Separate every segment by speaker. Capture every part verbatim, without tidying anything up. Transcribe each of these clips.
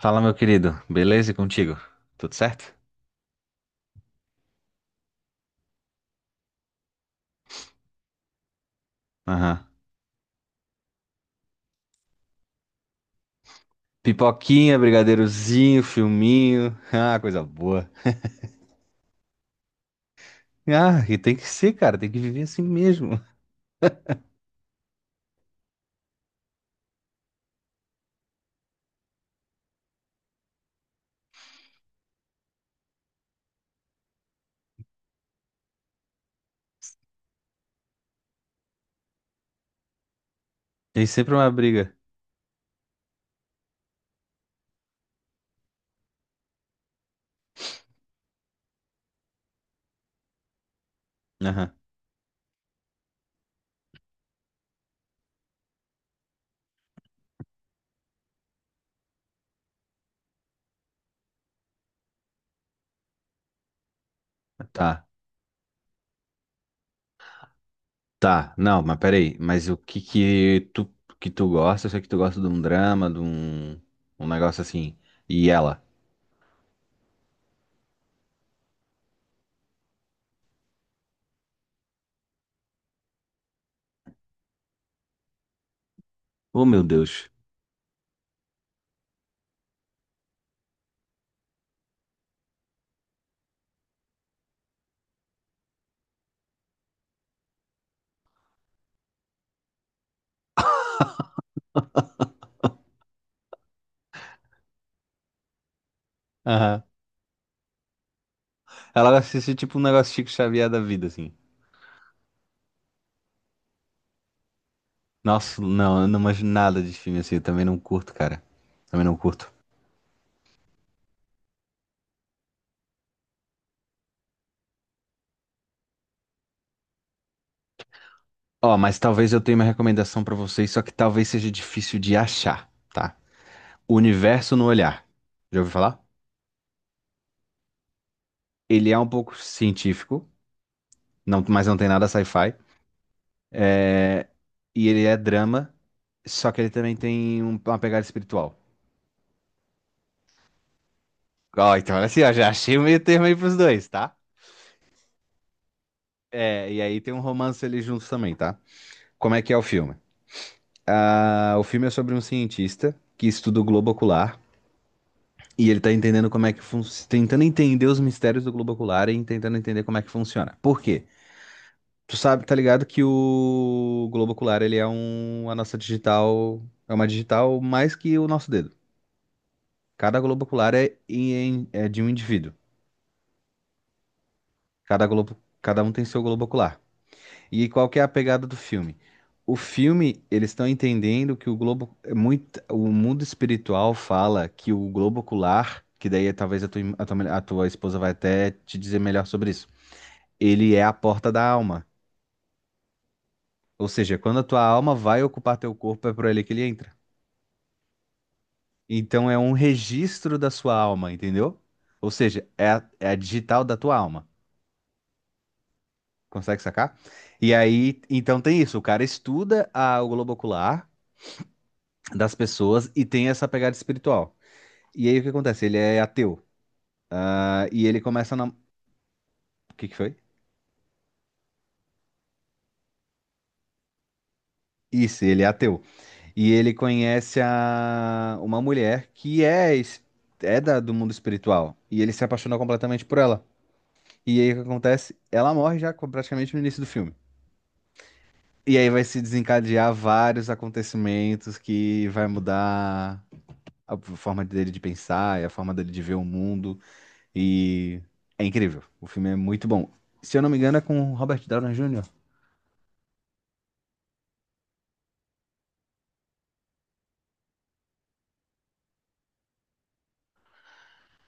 Speaker 1: Fala, meu querido. Beleza e contigo? Tudo certo? Aham. Pipoquinha, brigadeirozinho, filminho. Ah, coisa boa. Ah, e tem que ser, cara. Tem que viver assim mesmo. Tem sempre uma briga. Aham. Tá, tá. Não, mas peraí. Mas o que que tu, que tu gosta? Eu sei que tu gosta de um drama, de um, um negócio assim. E ela? Oh, meu Deus. Aham. Ela gosta de assistir tipo um negócio Chico Xavier da vida, assim. Nossa, não, eu não manjo nada de filme assim. Eu também não curto, cara. Também não curto. Ó, mas talvez eu tenha uma recomendação pra vocês, só que talvez seja difícil de achar, tá? O Universo no Olhar. Já ouviu falar? Ele é um pouco científico, não, mas não tem nada sci-fi. é, E ele é drama, só que ele também tem um- uma pegada espiritual. Ó, então olha assim, ó, já achei o meio termo aí pros dois, tá? É, e aí tem um romance ali juntos também, tá? Como é que é o filme? Ah, o filme é sobre um cientista que estuda o globo ocular. E ele tá entendendo como é que funciona, tentando entender os mistérios do globo ocular e tentando entender como é que funciona. Por quê? Tu sabe, tá ligado que o globo ocular, ele é um, a nossa digital, é uma digital mais que o nosso dedo. Cada globo ocular é, em- é de um indivíduo. Cada globo, cada um tem seu globo ocular. E qual que é a pegada do filme? O filme, eles estão entendendo que o globo é muito, o mundo espiritual fala que o globo ocular, que daí é, talvez a tua, a tua a tua esposa vai até te dizer melhor sobre isso. Ele é a porta da alma. Ou seja, quando a tua alma vai ocupar teu corpo, é por ele que ele entra. Então é um registro da sua alma, entendeu? Ou seja, é a, é a digital da tua alma. Consegue sacar? E aí, então tem isso. O cara estuda a, o globo ocular das pessoas e tem essa pegada espiritual. E aí o que acontece? Ele é ateu. Ah, e ele começa a... nam- O que que foi? Isso, ele é ateu. E ele conhece a... uma mulher que é, es- é da- do mundo espiritual. E ele se apaixona completamente por ela. E aí o que acontece? Ela morre já co- praticamente no início do filme. E aí vai se desencadear vários acontecimentos que vai mudar a forma dele de pensar e a forma dele de ver o mundo. E é incrível. O filme é muito bom. Se eu não me engano, é com o Robert Downey júnior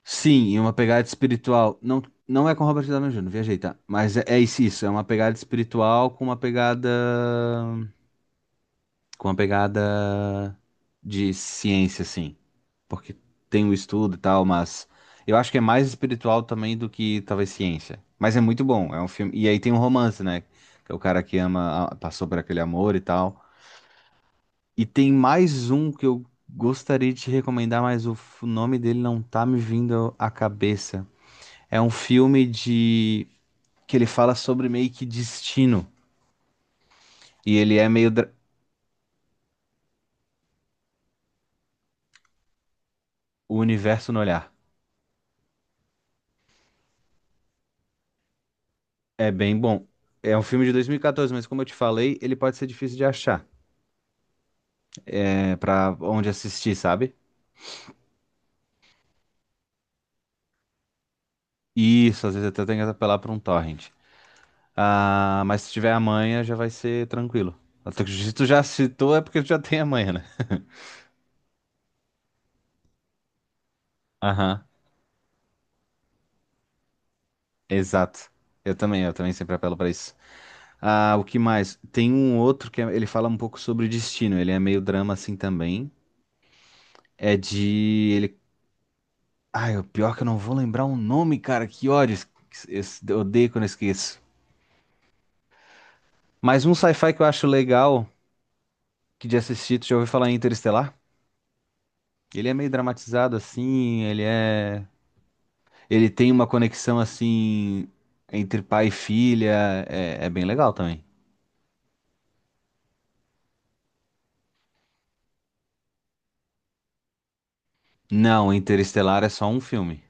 Speaker 1: Sim, e uma pegada espiritual. Não, não é com Robert Downey júnior, viajei, tá? Mas é, é isso, isso, é uma pegada espiritual com uma pegada. Com uma pegada de ciência, assim. Porque tem o estudo e tal, mas eu acho que é mais espiritual também do que talvez ciência. Mas é muito bom, é um filme. E aí tem um romance, né? Que é o cara que ama, a- passou por aquele amor e tal. E tem mais um que eu gostaria de te recomendar, mas o f- nome dele não tá me vindo à cabeça. É um filme de que ele fala sobre meio que destino e ele é meio dra- o universo no olhar. É bem bom. É um filme de dois mil e quatorze, mas como eu te falei, ele pode ser difícil de achar. É para onde assistir, sabe? Isso, às vezes até tem que apelar pra um torrent. Ah, mas se tiver amanhã já vai ser tranquilo. Até que se tu já citou é porque tu já tem amanhã, né? Aham, exato. Eu também, eu também sempre apelo pra isso. Ah, o que mais? Tem um outro que é- ele fala um pouco sobre destino. Ele é meio drama assim também. É de ele. Ai, o pior é que eu não vou lembrar o nome, cara. Que ódio. Es- es- Eu odeio quando eu esqueço. Mas um sci-fi que eu acho legal que de assistir, tu já ouviu falar em Interestelar? Ele é meio dramatizado assim, ele é. Ele tem uma conexão assim entre pai e filha. É, é bem legal também. Não, Interestelar é só um filme.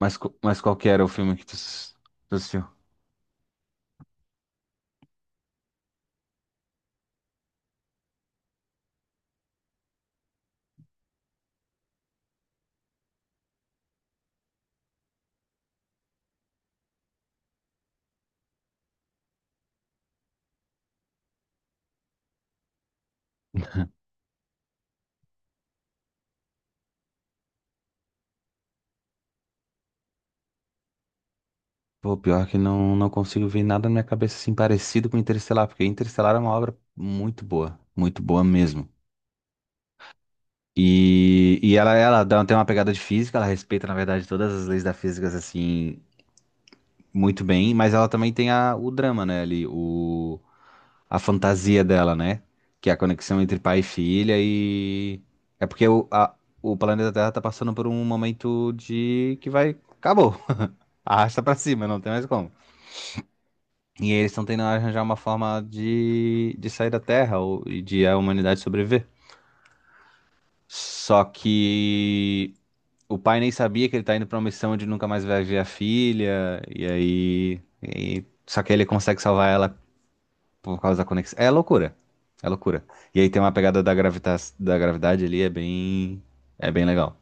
Speaker 1: Mas, co- mas qual que era o filme que tu, tu assistiu? Pô, pior que não, não consigo ver nada na minha cabeça assim parecido com Interestelar, porque Interestelar é uma obra muito boa, muito boa mesmo. E, e ela, ela dá- tem uma pegada de física, ela respeita, na verdade, todas as leis da física, assim, muito bem, mas ela também tem a, o drama, né, ali, o, a fantasia dela, né, que é a conexão entre pai e filha e... É porque o, a- o planeta Terra tá passando por um momento de... que vai... acabou, arrasta pra cima, não tem mais como. E eles estão tentando arranjar uma forma de, de sair da Terra ou, e de a humanidade sobreviver. Só que o pai nem sabia que ele tá indo pra uma missão onde nunca mais vai ver a filha. E aí. e- só que ele consegue salvar ela por causa da conexão. É loucura. É loucura. E aí tem uma pegada da gravita, da gravidade ali, é bem. É bem legal.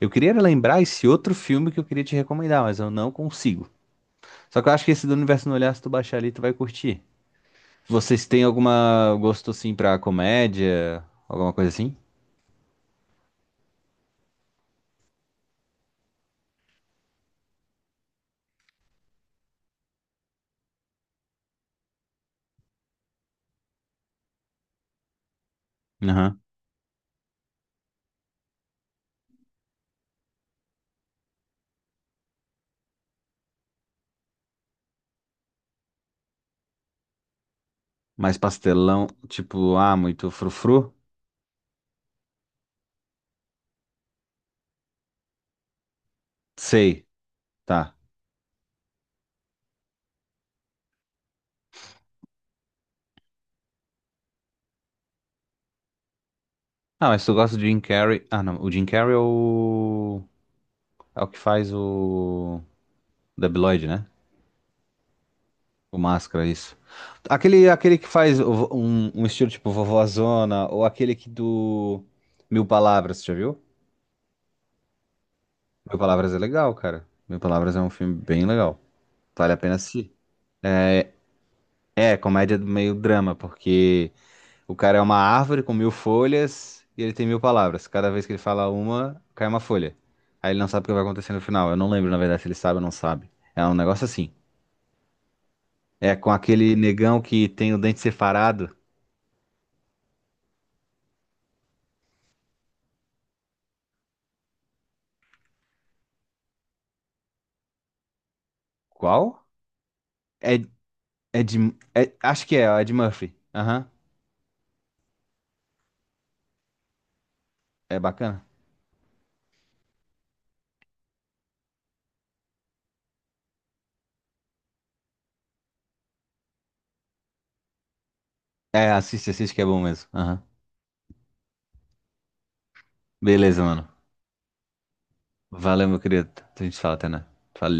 Speaker 1: Eu queria lembrar esse outro filme que eu queria te recomendar, mas eu não consigo. Só que eu acho que esse do Universo no Olhar, se tu baixar ali, tu vai curtir. Vocês têm alguma gosto assim pra comédia? Alguma coisa assim? Aham. Mais pastelão, tipo, ah, muito frufru? Sei, tá. Ah, mas tu gosta do Jim Carrey? Ah, não. O Jim Carrey é o. É o que faz o. Debiloid, né? O Máscara, isso. Aquele, aquele que faz o vo- um, um estilo tipo vovózona, ou aquele que do. Mil Palavras, você já viu? Mil Palavras é legal, cara. Mil Palavras é um filme bem legal. Vale a pena assistir. É, comédia do meio drama, porque. O cara é uma árvore com mil folhas e ele tem mil palavras. Cada vez que ele fala uma, cai uma folha. Aí ele não sabe o que vai acontecer no final. Eu não lembro, na verdade, se ele sabe ou não sabe. É um negócio assim. É com aquele negão que tem o dente separado. Qual? É, é de. é- acho que é, ó, é de Murphy. Aham. É bacana. É, assiste, assiste que é bom mesmo. Aham. Beleza, mano. Valeu, meu querido. A gente fala até, né? Valeu.